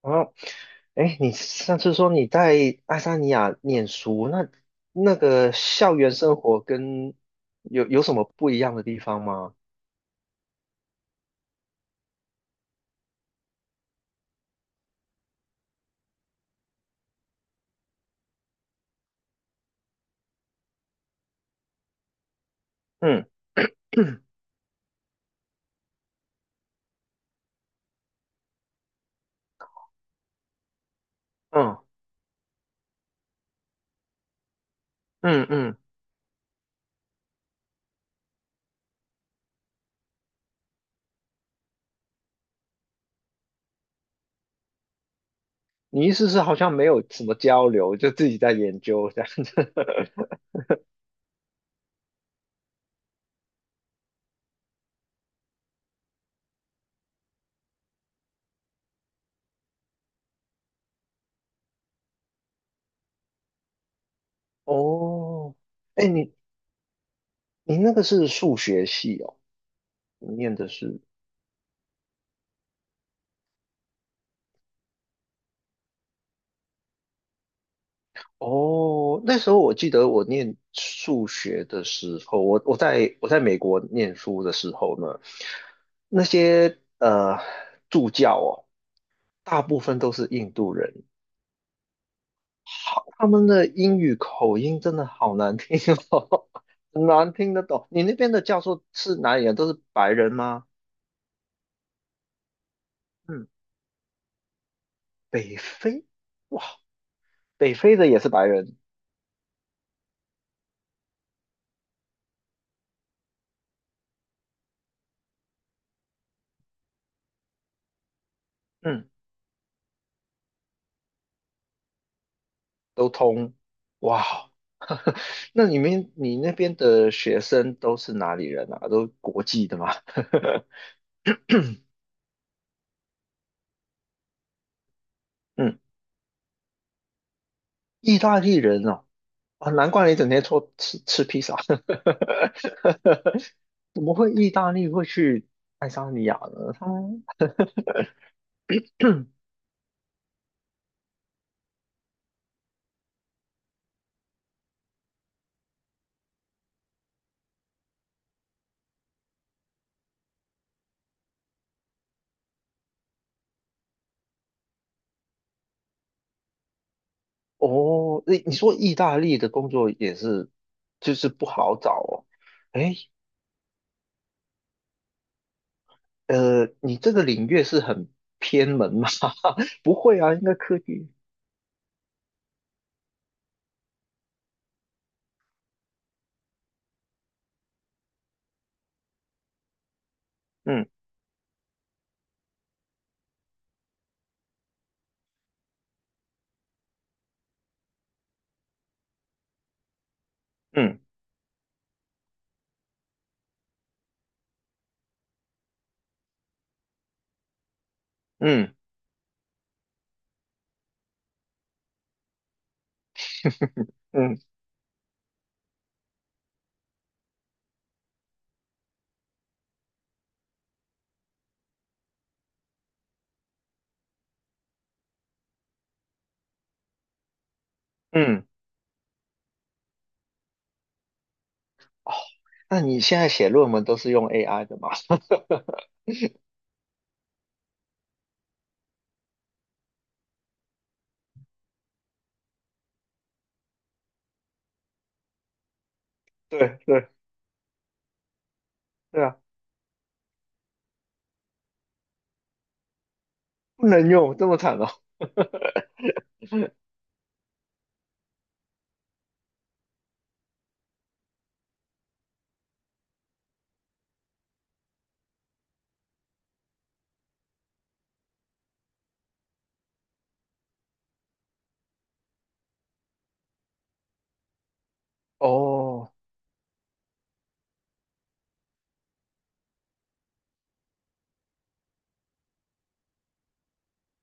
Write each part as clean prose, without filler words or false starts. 哦，哎，你上次说你在爱沙尼亚念书，那个校园生活跟有什么不一样的地方吗？嗯嗯嗯嗯，你意思是好像没有什么交流，就自己在研究这样子？哦，哎，你那个是数学系哦，你念的是？哦，那时候我记得我念数学的时候，我在美国念书的时候呢，那些助教哦，大部分都是印度人，好，他们的英语口音真的好难听哦，很难听得懂。你那边的教授是哪里人？都是白人吗？嗯，北非，哇，北非的也是白人，嗯，都通，哇。那你那边的学生都是哪里人啊？都国际的吗？嗯，意大利人哦，啊，难怪你整天说吃披萨，怎么会意大利会去？他们哦，你说意大利的工作也是，就是不好找哦。哎，你这个领域是很偏门吗？不会啊，应该科技。嗯嗯嗯嗯嗯，那你现在写论文都是用 AI 的吗？对对对啊，不能用这么惨哦。哦，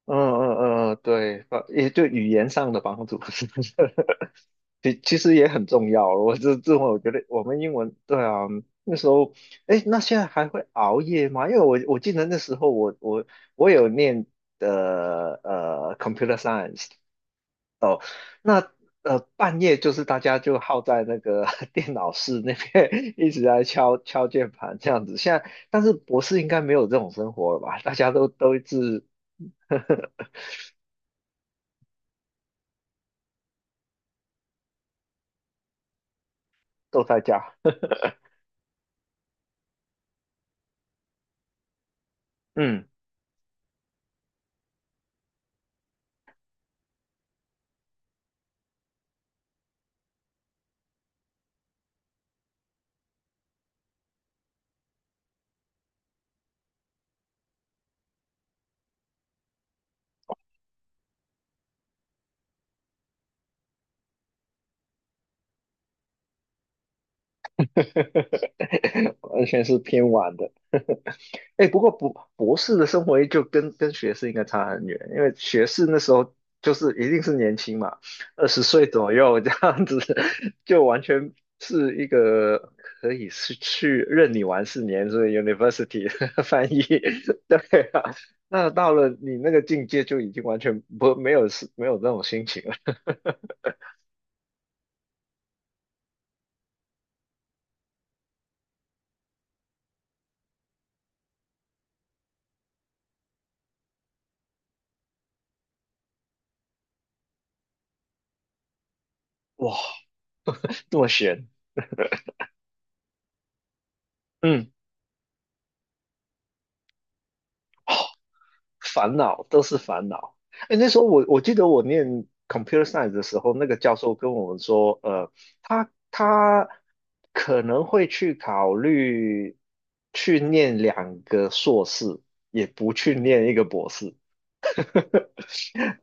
嗯嗯嗯，嗯对，也对语言上的帮助，是不是 其实也很重要。我这会我觉得我们英文，对啊，那时候，哎，那现在还会熬夜吗？因为我记得那时候我有念的computer science，哦，那半夜就是大家就耗在那个 电脑室那边 一直在敲敲键盘这样子。现在但是博士应该没有这种生活了吧？大家都一直都在家，嗯，完全是偏晚的。哎，不过博士的生活就跟学士应该差很远，因为学士那时候就是一定是年轻嘛，20岁左右这样子，就完全是一个可以是去任你玩4年，所以 university 的 翻译，对啊。那到了你那个境界，就已经完全不没有没有那种心情了，哇 这么悬，嗯。烦恼都是烦恼。哎，那时候我记得我念 computer science 的时候，那个教授跟我们说，他可能会去考虑去念2个硕士，也不去念一个博士。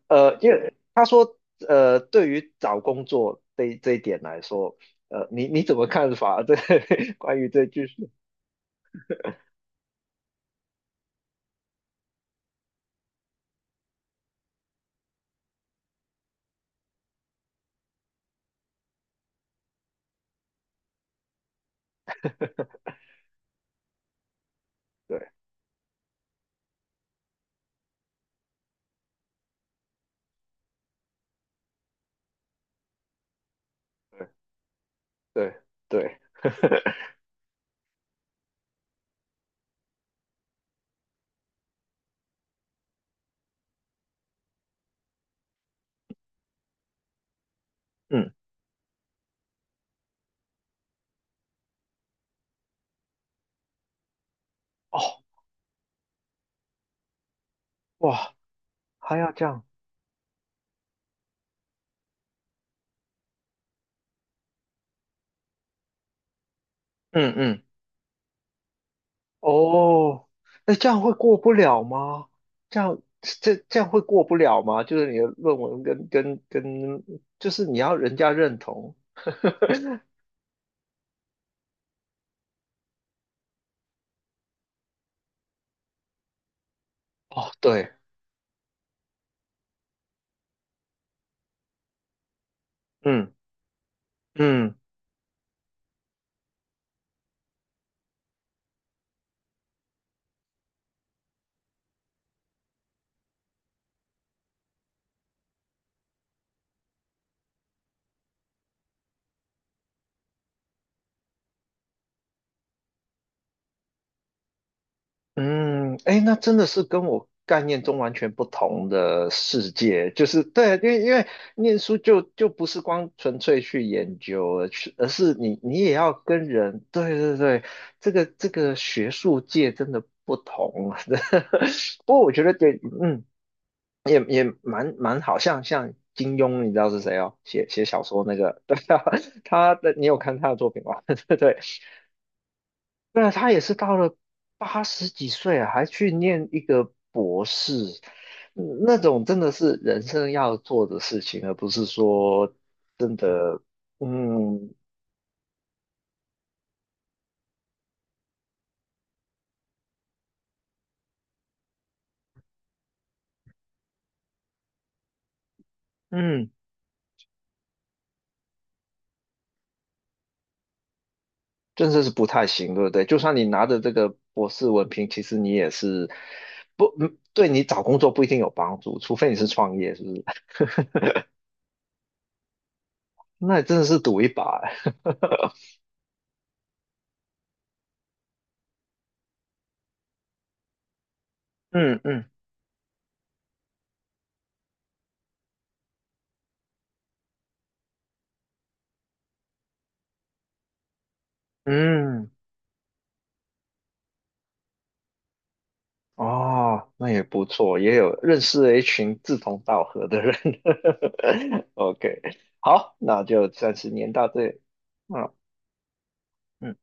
因为他说，对于找工作这一点来说，你怎么看法？对，关于这句是，对对对对，嗯，哦，哇，还要这样，嗯嗯。哦，那这样会过不了吗？这样会过不了吗？就是你的论文跟，就是你要人家认同。哦，对，嗯嗯嗯，哎，那真的是跟我概念中完全不同的世界。就是对，因为念书就不是光纯粹去研究了，去而是你也要跟人。对对对，这个学术界真的不同啊。不过我觉得对，嗯。蛮好像金庸，你知道是谁哦？写小说那个，对啊，你有看他的作品吗？对对，对啊，他也是到了80几岁啊，还去念一个博士，嗯那种真的是人生要做的事情，而不是说真的，嗯嗯，真的是不太行，对不对？就算你拿着这个博士文凭，其实你也是不，嗯对你找工作不一定有帮助，除非你是创业，是不是？那真的是赌一把啊。嗯嗯嗯，哦，那也不错，也有认识了一群志同道合的人。OK，好，那就暂时念到这里。嗯。嗯。